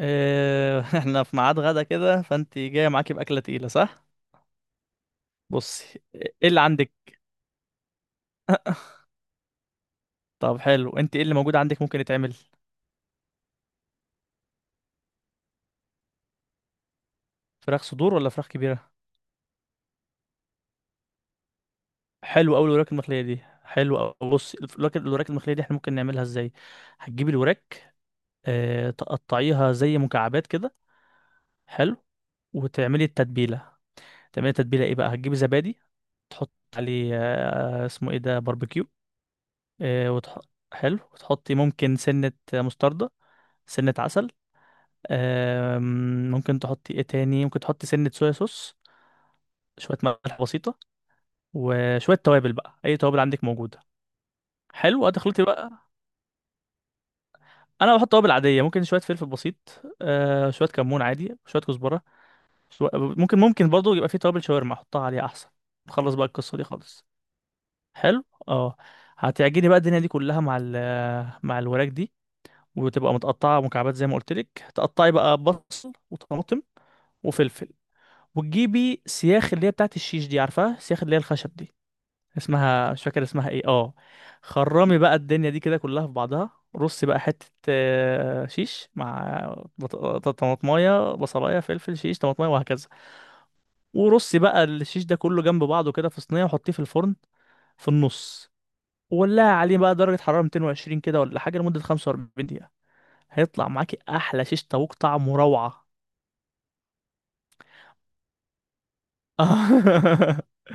إيه، احنا في ميعاد غدا كده، فانت جايه معاكي باكله تقيله، صح؟ بصي، ايه اللي عندك؟ طب حلو، انت ايه اللي موجود عندك ممكن يتعمل؟ فراخ صدور ولا فراخ كبيره؟ حلو قوي الوراك المخليه دي. حلو قوي، بصي الوراك المخليه دي احنا ممكن نعملها ازاي؟ هتجيبي الوراك. اه، تقطعيها زي مكعبات كده. حلو، وتعملي التتبيله. تعملي تتبيله ايه بقى؟ هتجيبي زبادي، تحط عليه، اسمه ايه ده، باربيكيو. آه، وتح... حلو، وتحطي ممكن سنه مستردة، سنه عسل. آم، ممكن تحطي ايه تاني؟ ممكن تحطي سنة صويا صوص، شوية ملح بسيطة، وشوية توابل بقى، أي توابل عندك موجودة. حلو، هتخلطي بقى. أنا بحط توابل عادية، ممكن شوية فلفل بسيط، شوية كمون عادي، شوية كزبرة. ممكن برضو يبقى فيه توابل شاورما، أحطها عليها أحسن. نخلص بقى القصة دي خالص. حلو، اه. هتعجني بقى الدنيا دي كلها مع الوراك دي، وتبقى متقطعة مكعبات زي ما قلت لك. تقطعي بقى بصل وطماطم وفلفل، وتجيبي سياخ اللي هي بتاعت الشيش دي، عارفاها، سياخ اللي هي الخشب دي، اسمها مش فاكر اسمها ايه، اه. خرمي بقى الدنيا دي كده كلها في بعضها، رصي بقى حتة، شيش مع طماطماية، بصلاية، فلفل، شيش، طماطماية، وهكذا. ورصي بقى الشيش ده كله جنب بعضه كده في صينية، وحطيه في الفرن في النص، وولعي عليه بقى درجة حرارة 220 كده ولا حاجة، لمدة 45 دقيقة. هيطلع معاكي أحلى شيش طاووق طعمه روعة.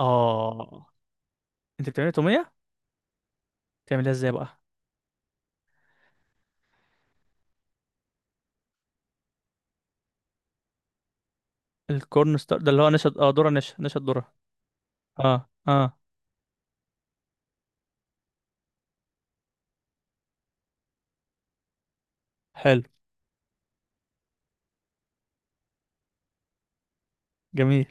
آه. أنت بتعملي تومية؟ تعملها ازاي بقى؟ الكورن ستار ده اللي هو نشا، اه، ذره نشا الذره. اه، اه، حلو. جميل.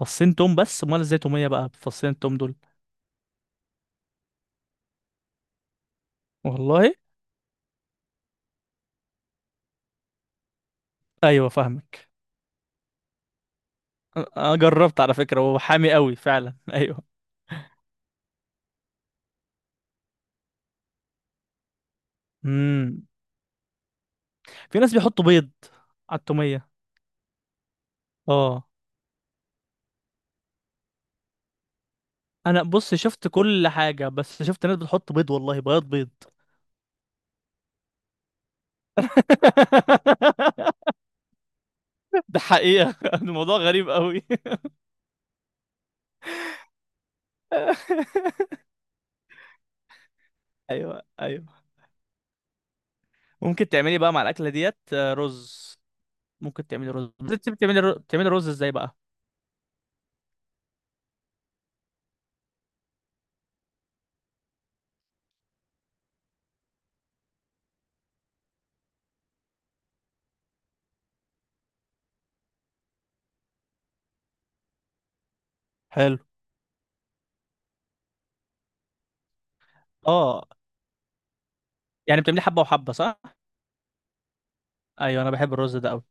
فصين توم بس؟ امال ازاي توميه بقى بفصين التوم دول؟ والله؟ ايوه، فاهمك. أنا جربت على فكره وهو حامي قوي فعلا. ايوه. امم. في ناس بيحطوا بيض على التوميه. اه. انا بص، شفت كل حاجه، بس شفت ناس بتحط بيض، والله بياض بيض. ده حقيقه. الموضوع غريب قوي. ايوه، ايوه. ممكن تعملي بقى مع الاكله ديت رز؟ ممكن تعملي رز؟ بتعملي بتعملي رز ازاي بقى؟ حلو. اه. يعني بتعملي حبه وحبه، صح؟ ايوه، انا بحب الرز ده قوي.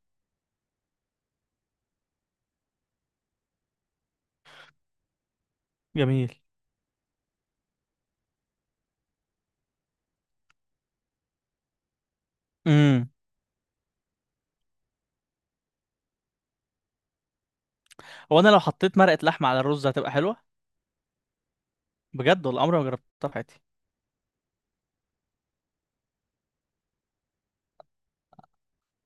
جميل. امم. هو انا لو حطيت مرقه لحمه على الرز هتبقى حلوه؟ بجد؟ والله عمري ما جربتها في حياتي.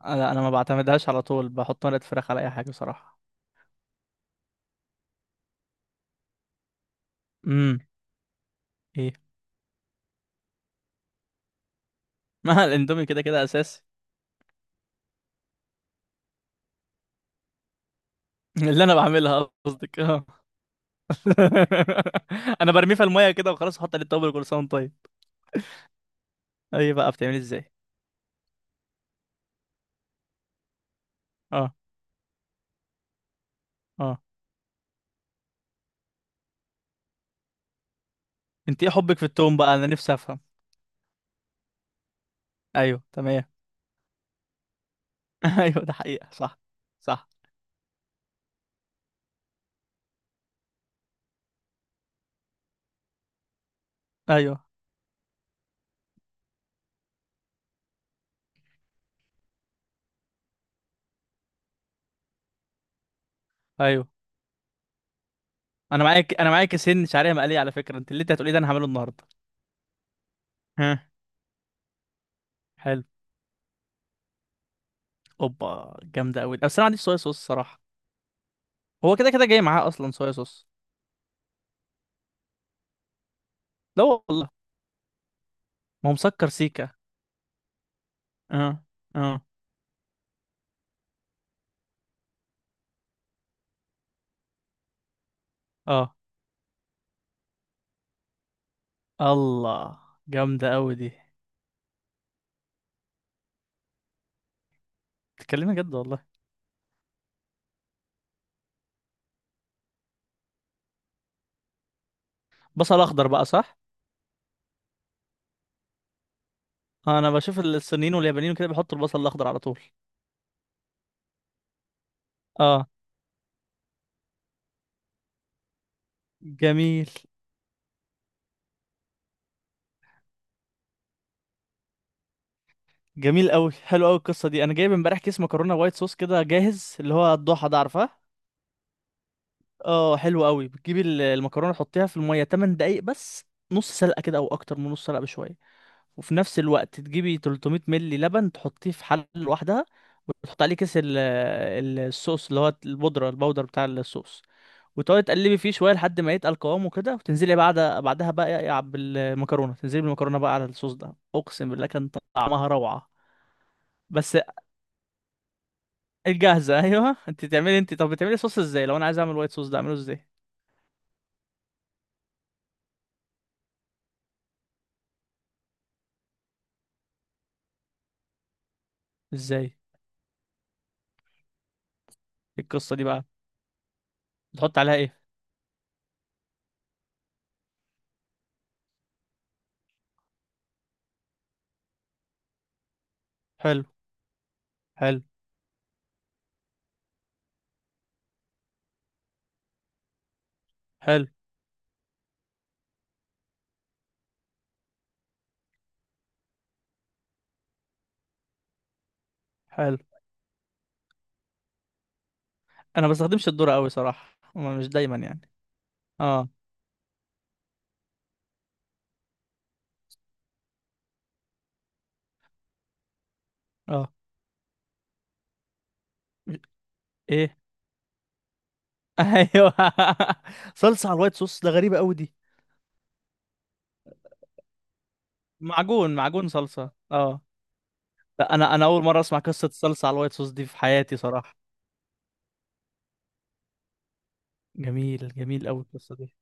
انا ما بعتمدهاش على طول، بحط مرقه فراخ على اي حاجه بصراحه. امم. ايه؟ ما الاندومي كده كده اساسي. اللي انا بعملها قصدك؟ اه. انا برميه في الميه كده وخلاص، احط عليه التوابل، كل سنه وأنت طيب. ايه بقى؟ بتعملي ازاي؟ اه، اه. انت ايه حبك في التوم بقى؟ انا نفسي افهم. ايوه، تمام. ايوه، ده حقيقة، صح. صح. ايوه، ايوه. انا معاك، انا معايا كيسين شعريه مقليه على فكره، اللي انت هتقولي ده انا هعمله النهارده. ها. حلو. اوبا، جامده قوي، بس انا ما عنديش صويا صوص صراحه. هو كده كده جاي معاه اصلا صويا صوص. لا والله. ما هو مسكر سيكا. اه، اه، اه. الله. جامده قوي دي. بتتكلمي جد والله؟ بصل اخضر بقى، صح؟ انا بشوف الصينيين واليابانيين كده بيحطوا البصل الاخضر على طول. اه، جميل. جميل قوي، حلو قوي القصه دي. انا جايب امبارح كيس مكرونه وايت صوص كده جاهز اللي هو الضحى ده، عارفاه؟ اه، حلو قوي. بتجيبي المكرونه، تحطيها في الميه 8 دقايق بس، نص سلقه كده او اكتر من نص سلقه بشويه. وفي نفس الوقت تجيبي 300 ملي لبن، تحطيه في حله لوحدها، وتحط عليه كيس الصوص اللي هو البودر بتاع الصوص، وتقعدي تقلبي فيه شويه لحد ما يتقل قوامه كده، وتنزلي بعدها بقى بالمكرونه، تنزلي بالمكرونه بقى على الصوص ده، اقسم بالله كان طعمها روعه. بس الجاهزة، ايوه. انت تعملي انت، طب بتعملي صوص ازاي لو انا عايز اعمل وايت صوص ده، اعمله ازاي؟ ازاي القصة دي بقى؟ بتحط عليها ايه؟ حلو. حلو. حلو. حلو. انا ما بستخدمش الذرة قوي صراحة، مش دايما يعني. اه، اه. مش- ايه؟ ايوه. صلصة على الوايت صوص ده؟ غريبة قوي دي. معجون صلصة، اه. لا، انا اول مرة اسمع قصة الصلصة على الوايت صوص دي في حياتي صراحة. جميل، جميل قوي القصة دي.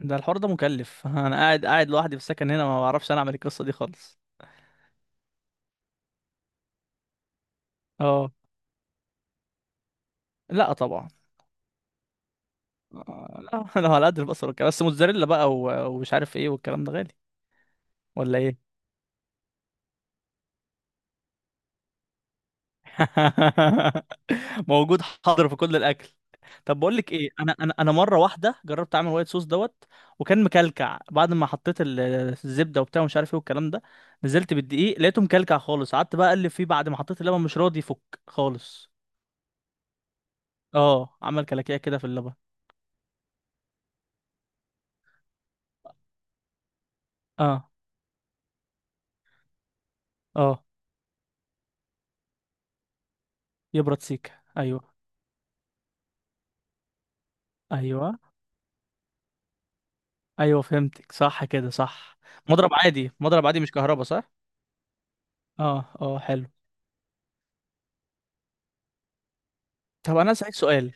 ده الحوار ده مكلف. انا قاعد قاعد لوحدي في السكن هنا، ما بعرفش انا اعمل القصة دي خالص. اه، لا طبعا. لا، انا على قد البصل والكلام، بس موتزاريلا بقى ومش عارف ايه والكلام ده غالي. ولا ايه؟ موجود حاضر في كل الاكل. طب بقول لك ايه، انا مره واحده جربت اعمل وايت صوص دوت، وكان مكلكع بعد ما حطيت الزبده وبتاع ومش عارف ايه والكلام ده. نزلت بالدقيق لقيته مكلكع خالص، قعدت بقى اقلب فيه بعد ما حطيت اللبن مش راضي يفك خالص. اه، عمل كلاكيع كده في اللبن. اه، اه، يبرد سيكه، ايوه. ايوه، ايوه، فهمتك، صح كده، صح. مضرب عادي، مضرب عادي، مش كهربا، صح؟ اه، اه، حلو. طب انا اسالك سؤال،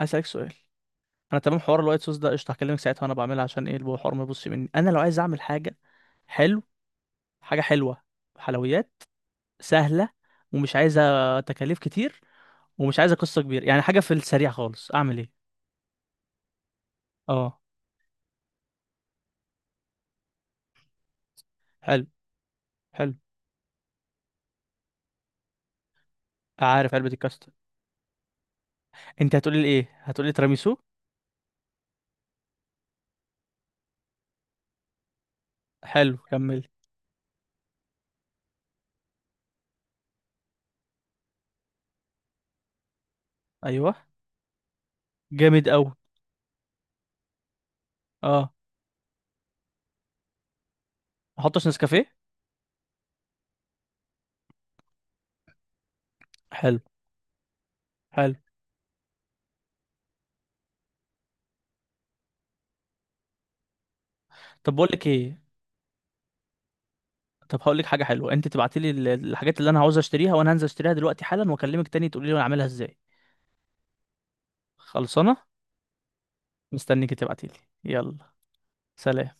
اسالك سؤال. انا تمام، حوار الوايت صوص ده قشطه، هكلمك ساعتها وانا بعملها. عشان ايه الحوار، ما يبص مني انا لو عايز اعمل حاجه. حلو. حاجه حلوه، حلويات سهله، ومش عايزه تكاليف كتير، ومش عايزه قصه كبيره، يعني حاجه في السريع خالص، اعمل ايه؟ اه، حلو. حلو، عارف علبه الكاستر. انت هتقولي لي ايه؟ هتقولي لي تيراميسو؟ حلو، كمل. ايوه. جامد قوي. اه، ما احطش نسكافيه؟ حلو. حلو. طب بقول لك ايه، طب هقول لك حاجه حلوه، انت تبعتي لي الحاجات اللي انا عاوز اشتريها، وانا هنزل اشتريها دلوقتي حالا، واكلمك تاني تقولي لي انا اعملها ازاي. خلصانه. مستنيك تبعتي لي. يلا سلام.